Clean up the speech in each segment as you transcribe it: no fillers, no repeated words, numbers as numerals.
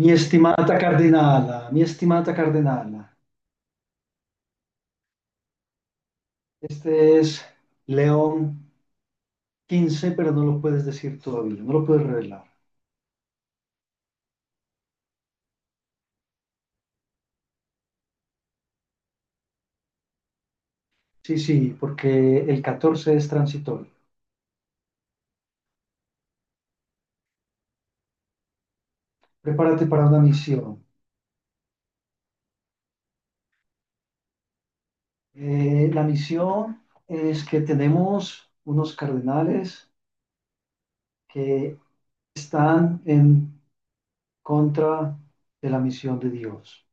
Mi estimada cardenala, este es León 15, pero no lo puedes decir todavía, no lo puedes revelar. Sí, sí, porque el 14 es transitorio. Prepárate para una misión. La misión es que tenemos unos cardenales que están en contra de la misión de Dios.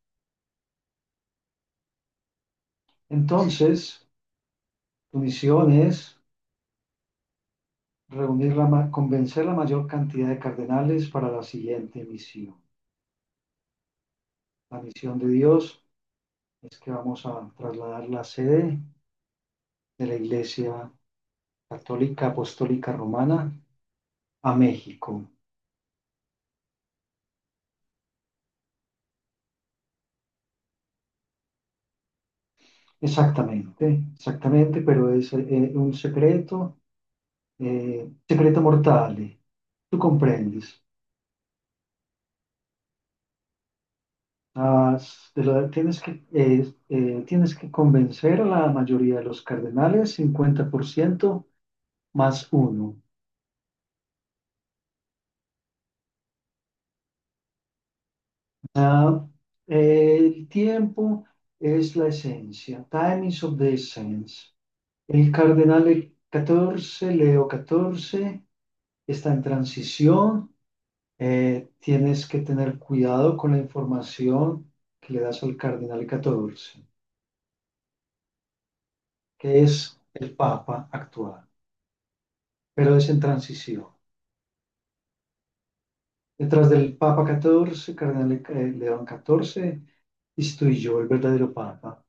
Entonces, tu misión es reunir la, convencer la mayor cantidad de cardenales para la siguiente misión. La misión de Dios es que vamos a trasladar la sede de la Iglesia Católica Apostólica Romana a México. Exactamente, exactamente, pero es un secreto, secreto mortal. Tú comprendes. Ah, tienes que convencer a la mayoría de los cardenales, 50% más uno. Ah, el tiempo es la esencia. Time is of the essence. El cardenal 14, Leo 14, está en transición. Tienes que tener cuidado con la información que le das al cardenal 14, que es el Papa actual, pero es en transición. Detrás del Papa 14, cardenal León 14, estoy yo, el verdadero Papa.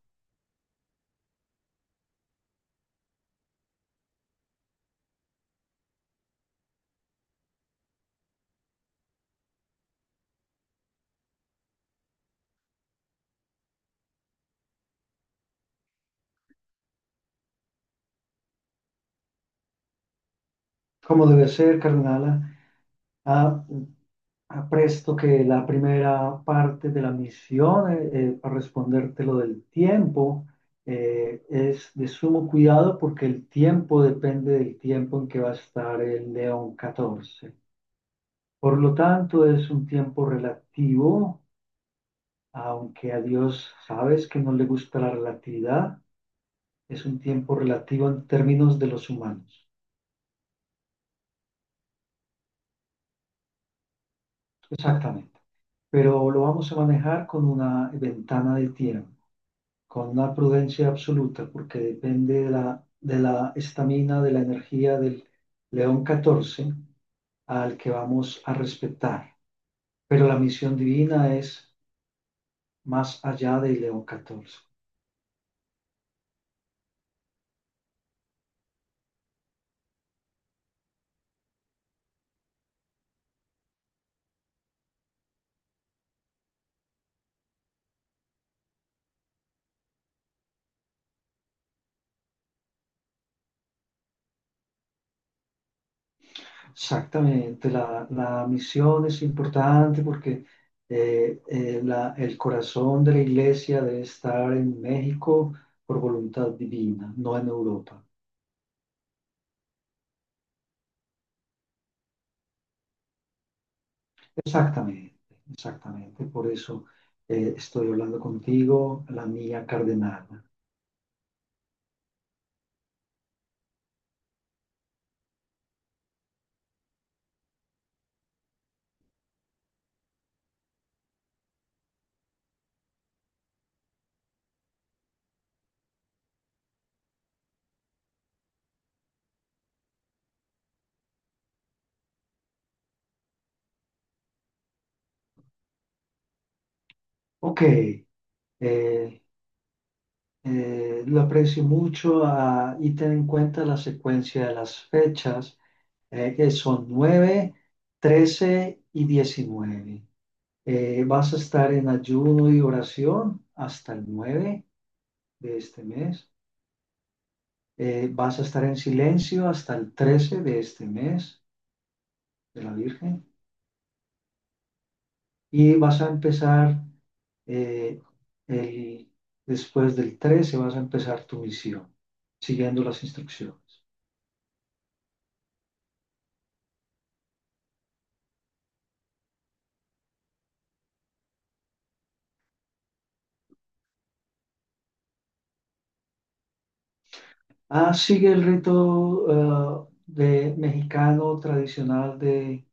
¿Cómo debe ser, cardenal? Presto que la primera parte de la misión, para responderte lo del tiempo, es de sumo cuidado porque el tiempo depende del tiempo en que va a estar el león 14. Por lo tanto, es un tiempo relativo, aunque a Dios sabes que no le gusta la relatividad, es un tiempo relativo en términos de los humanos. Exactamente. Pero lo vamos a manejar con una ventana de tiempo, con una prudencia absoluta, porque depende de la estamina, de la energía del león 14 al que vamos a respetar. Pero la misión divina es más allá del león 14. Exactamente, la misión es importante porque el corazón de la iglesia debe estar en México por voluntad divina, no en Europa. Exactamente, exactamente. Por eso estoy hablando contigo, la mía cardenal. Ok, lo aprecio mucho, y ten en cuenta la secuencia de las fechas, que son 9, 13 y 19. Vas a estar en ayuno y oración hasta el 9 de este mes. Vas a estar en silencio hasta el 13 de este mes de la Virgen. Y vas a empezar, eh, el- después del 13 vas a empezar tu misión, siguiendo las instrucciones. Sigue el rito de mexicano tradicional de,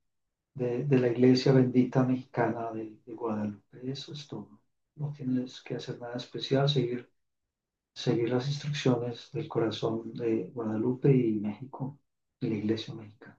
de la iglesia bendita mexicana de Guadalupe. Eso es todo. No tienes que hacer nada especial, seguir, seguir las instrucciones del corazón de Guadalupe y México, de la iglesia mexicana.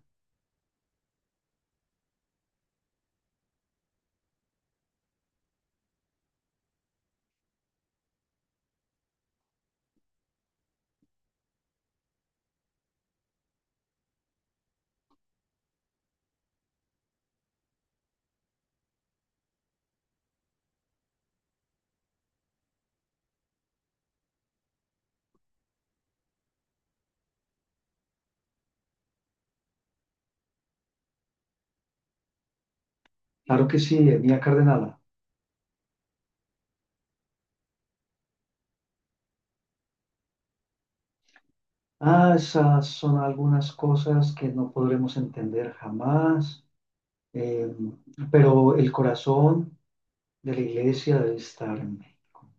Claro que sí, Mía Cardenal. Esas son algunas cosas que no podremos entender jamás, eh, pero el corazón de la iglesia debe estar en México.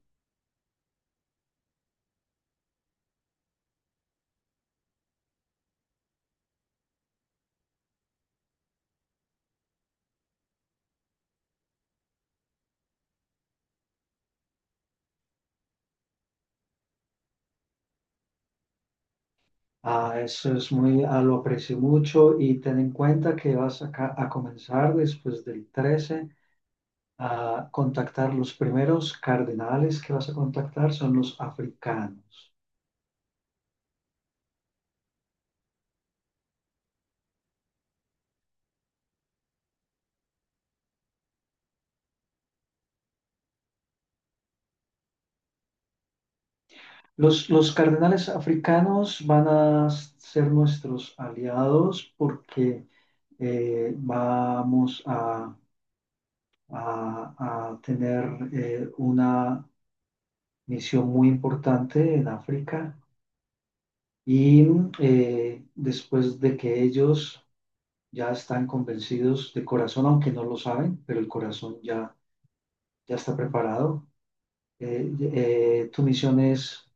Eso es muy, lo aprecio mucho y ten en cuenta que vas a, a comenzar después del 13 a contactar los primeros cardenales que vas a contactar son los africanos. Los cardenales africanos van a ser nuestros aliados porque vamos a, a- a tener una misión muy importante en África y después de que ellos ya están convencidos de corazón, aunque no lo saben, pero el corazón ya, ya está preparado, tu misión es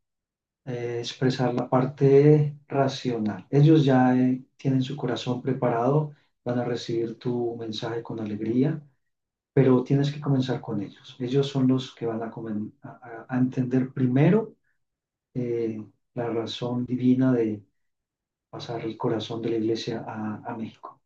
expresar la parte racional. Ellos ya tienen su corazón preparado, van a recibir tu mensaje con alegría pero tienes que comenzar con ellos. Ellos son los que van a, a entender primero eh, la razón divina de pasar el corazón de la iglesia a México.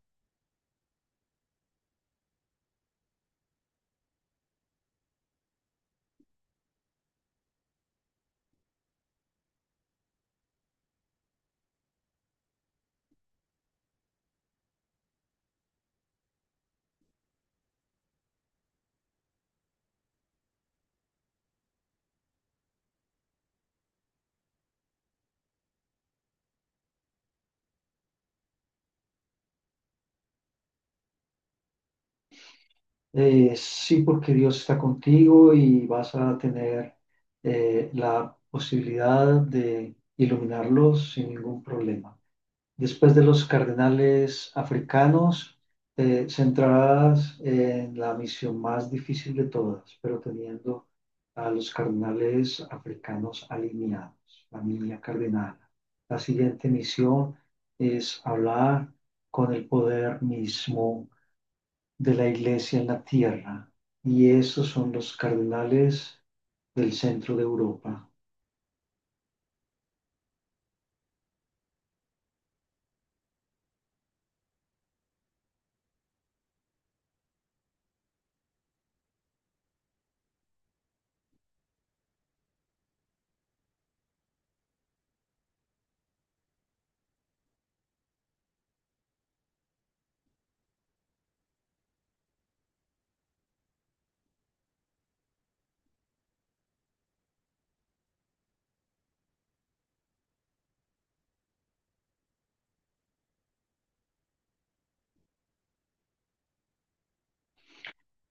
Sí, porque Dios está contigo y vas a tener la posibilidad de iluminarlos sin ningún problema. Después de los cardenales africanos, centradas en la misión más difícil de todas, pero teniendo a los cardenales africanos alineados, la línea cardenal. La siguiente misión es hablar con el poder mismo de la iglesia en la tierra, y esos son los cardenales del centro de Europa.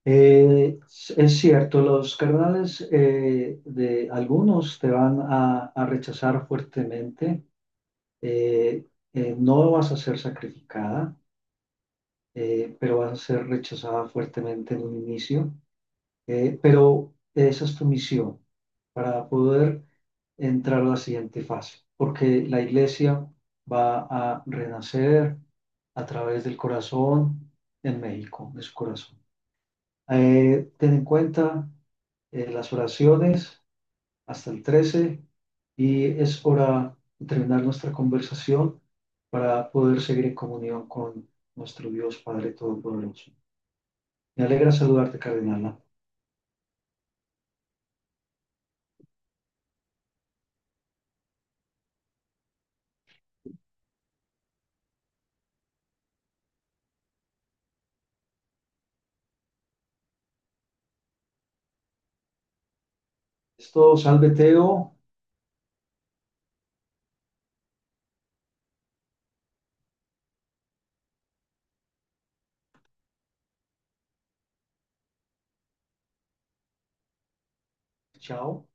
Eh, es cierto, los cardenales de algunos te van a rechazar fuertemente. eh, no vas a ser sacrificada, pero vas a ser rechazada fuertemente en un inicio. Pero esa es tu misión para poder entrar a la siguiente fase, porque la iglesia va a renacer a través del corazón en México, de su corazón. Ten en cuenta las oraciones hasta el 13 y es hora de terminar nuestra conversación para poder seguir en comunión con nuestro Dios Padre Todopoderoso. Me alegra saludarte, Cardenal. Esto, salve Teo. Chao.